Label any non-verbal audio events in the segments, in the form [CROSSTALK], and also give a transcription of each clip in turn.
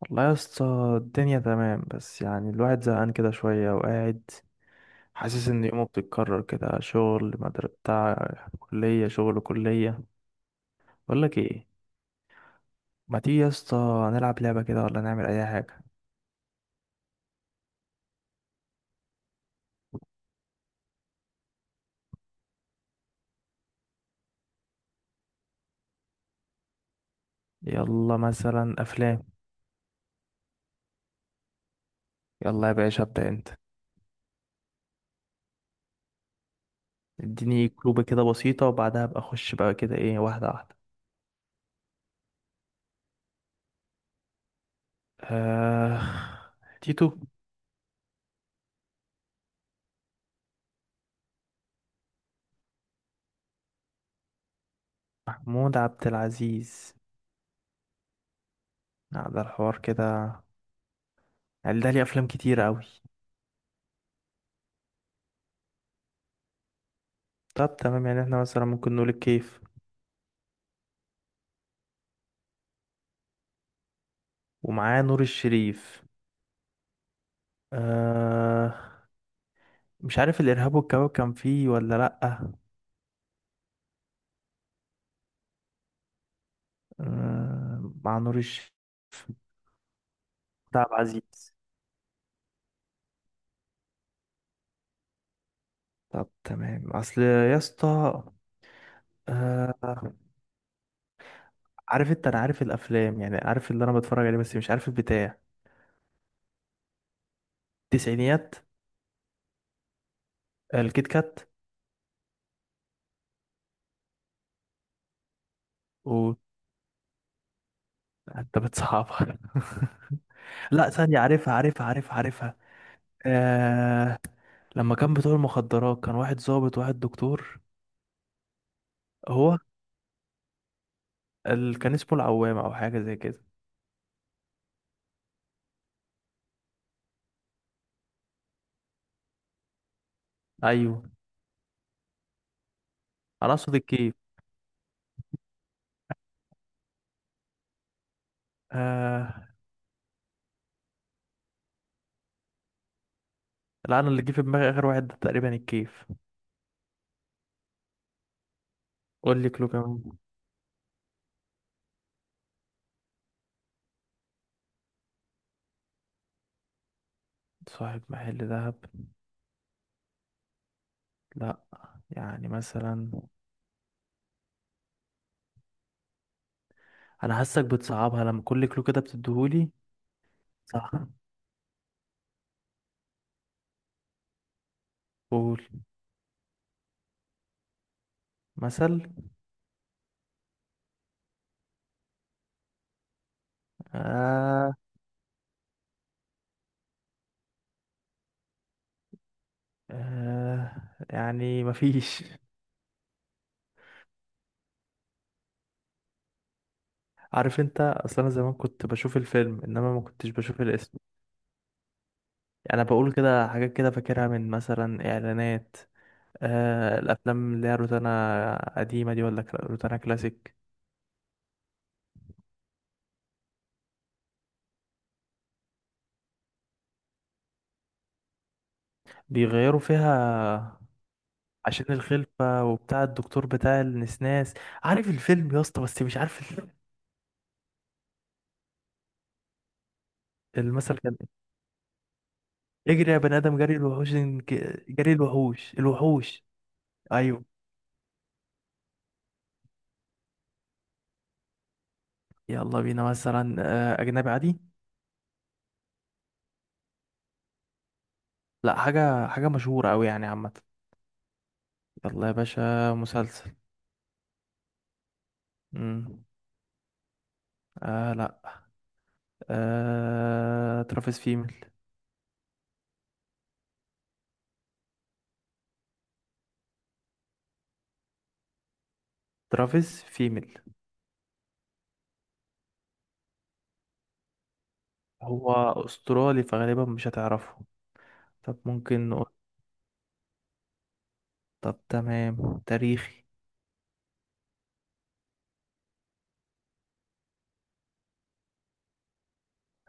والله يا اسطى، الدنيا تمام، بس يعني الواحد زهقان كده شوية وقاعد حاسس إن يومه بتتكرر كده. شغل مدر بتاع كلية، شغل كلية. بقولك ايه، ما تيجي يا اسطى نلعب لعبة كده ولا نعمل أي حاجة؟ يلا، مثلا أفلام. يلا يا باشا، ابدأ أنت. اديني كلوبة كده بسيطة، وبعدها أبقى أخش بقى كده ايه، واحدة واحدة. آه... تيتو. محمود عبد العزيز. لا، ده الحوار كده، يعني ده ليه أفلام كتير أوي. طب تمام، يعني احنا مثلا ممكن نقول الكيف. ومعاه نور الشريف. آه مش عارف الإرهاب والكباب كان فيه ولا لأ. آه، مع نور الشريف. بتاع عبد العزيز. طب تمام، أصل يا اسطى. آه. عارف أنت، أنا عارف الأفلام، يعني عارف اللي أنا بتفرج عليه بس مش عارف البتاع. التسعينيات. الكيت كات. و أنت بتصعبها. [LAUGHS] لا ثانية، عارفها عارفها عارفها عارفها. آه، لما كان بتوع المخدرات كان واحد ضابط وواحد دكتور. هو، كان اسمه العوام او حاجه زي كده. ايوه. انا اقصد الكيف. آه، لا، انا اللي جه في دماغي اخر واحد ده تقريبا الكيف. قول لي كلو كمان. صاحب محل ذهب. لا، يعني مثلا، انا حاسك بتصعبها لما كل كلو كده بتديهولي. صح. قول. مثل. آه، آه، يعني مفيش. عارف انت اصلا، انا زمان كنت بشوف الفيلم انما ما كنتش بشوف الاسم. يعني انا بقول كده حاجات كده فاكرها من مثلا اعلانات. آه، الافلام اللي هي روتانا قديمه دي ولا روتانا كلاسيك. بيغيروا فيها عشان الخلفه، وبتاع الدكتور بتاع النسناس. عارف الفيلم يا اسطى بس مش عارف المثل كان ايه، اجري يا بني ادم، جري الوحوش، جري الوحوش الوحوش. ايوه. يلا بينا مثلا. آه، اجنبي عادي. لا، حاجه مشهوره قوي يعني عامه. يلا يا باشا، مسلسل. امم. آه، لا. ترافيس فيميل. ترافيس فيميل. هو أسترالي، فغالبا مش هتعرفه. طب ممكن نقول. طب تمام، تاريخي.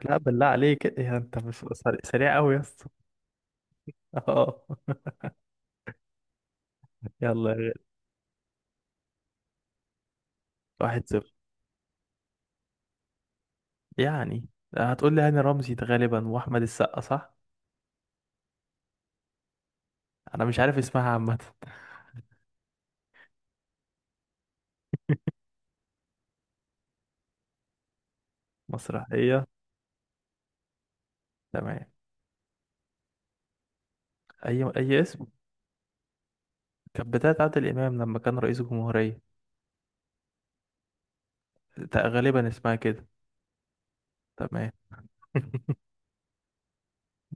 لا، بالله عليك، إيه انت؟ مش سريع سريع قوي يا اسطى. اه. [LAUGHS] يلا يا غالي. 1-0. يعني هتقول لي هاني رمزي ده غالبا، واحمد السقا، صح؟ انا مش عارف اسمها عامه. [LAUGHS] مسرحيه. تمام. اي اسم. كانت بتاعت عادل امام لما كان رئيس الجمهوريه. غالبا اسمها كده. تمام. [LAUGHS]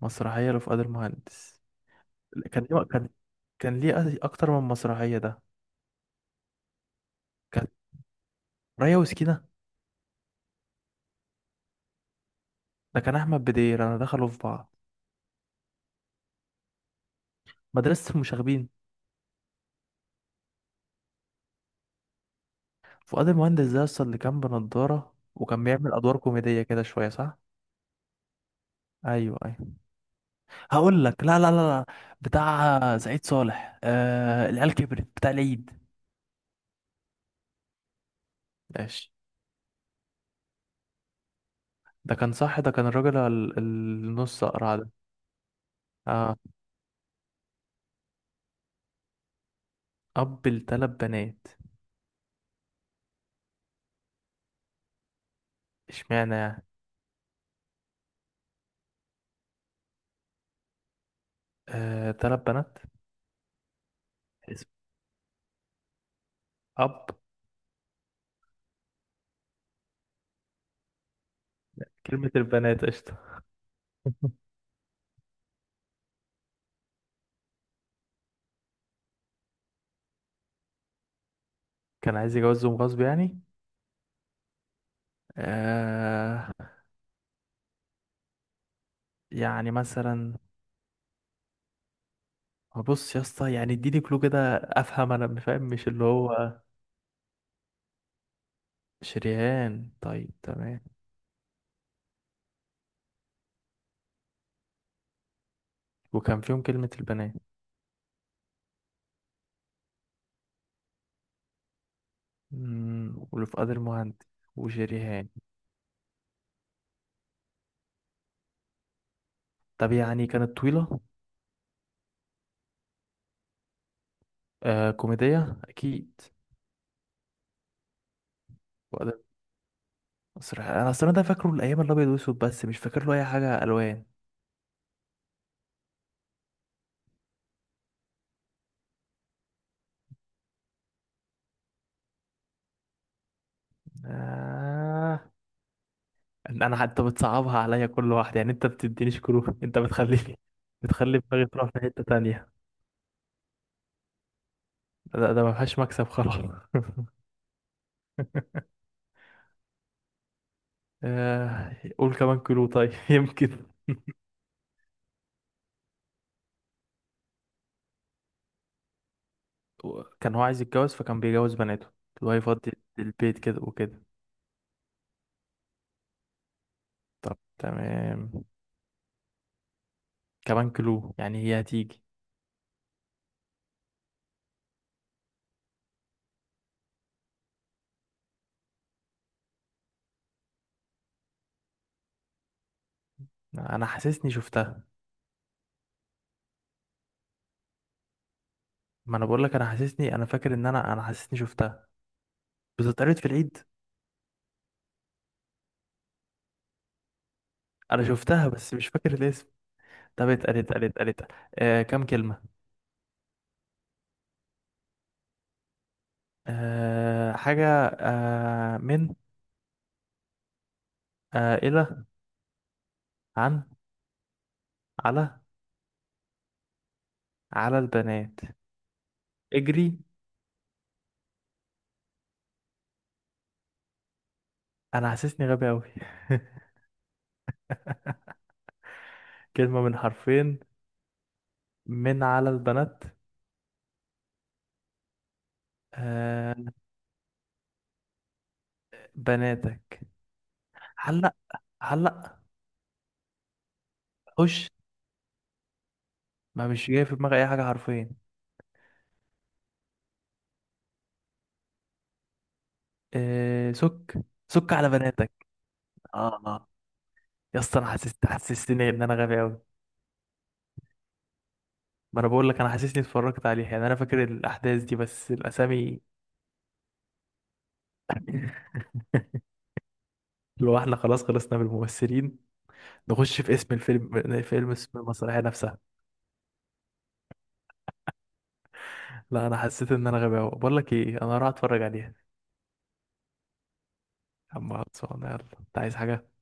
مسرحيه لفؤاد المهندس. كان ليه كان كان ليه أكتر من مسرحيه ده. ريا وسكينة. ده كان أحمد بدير، أنا دخلوا في بعض. مدرسة المشاغبين. فؤاد المهندس ده أصلا اللي كان بنضارة وكان بيعمل أدوار كوميدية كده شوية، صح؟ أيوه، أيوه. هقول لك. لا، لا، لا، لا. بتاع سعيد صالح، العيال كبرت بتاع العيد. ماشي. ده كان صح، ده كان الراجل النص أقرع ده. آه، أب لتلات بنات. اشمعنى يعني؟ آه، تلات بنات. اسم؟ أب؟ كلمة البنات، قشطة. [LAUGHS] كان عايز يجوزهم غصب يعني. آه. يعني مثلا، بص يا اسطى، يعني اديني كلو كده افهم، انا فاهم مش اللي هو. شريان. طيب تمام. وكان فيهم كلمة البنات. واللي فؤاد المهندس وشريهان. طب يعني كانت طويلة. آه، كوميدية اكيد. فؤاد. أصل انا اصلا ده فاكره الايام الابيض والاسود، بس مش فاكر له اي حاجة الوان. آه إن انا حتى بتصعبها عليا كل واحد، يعني انت بتدينيش كلو [LAUGHS] انت بتخليني. بتخلي دماغي تروح في حتة تانية. ده ما فيهاش مكسب خلاص. [LAUGHS] قول كمان كيلو طيب [LAUGHS] يمكن. كان هو عايز يتجوز فكان بيجوز بناته، وهيفضي البيت كده وكده. طب تمام. كمان كيلو يعني هي هتيجي. انا حاسسني شفتها. ما انا بقول لك، انا حاسسني، انا فاكر ان انا حاسسني شفتها. بتتقالت في العيد. انا شفتها بس مش فاكر الاسم. طب اتقالت، اتقالت، اتقالت؟ آه، كام كلمة؟ آه، حاجة. آه، من؟ آه، إلى؟ عن؟ على؟ على البنات. اجري؟ انا حاسسني غبي قوي. [LAUGHS] كلمة من حرفين. من على البنات؟ آه، بناتك. علق، علق؟ خش؟ ما مش جاي في دماغي أي حاجة حرفين. آه، سك، سك على بناتك. آه. يا اسطى، أنا حسستني إن أنا غبي أوي. ما أنا بقول لك، أنا حاسسني اتفرجت عليه، يعني أنا فاكر الأحداث دي بس الأسامي. لو احنا خلاص خلصنا بالممثلين، نخش في اسم الفيلم فيلم اسم المسرحية نفسها. لا، أنا حسيت إن أنا غبي أوي، بقول لك إيه، أنا هروح أتفرج عليها. يا عم، خلصانة، يلا، أنت عايز حاجة؟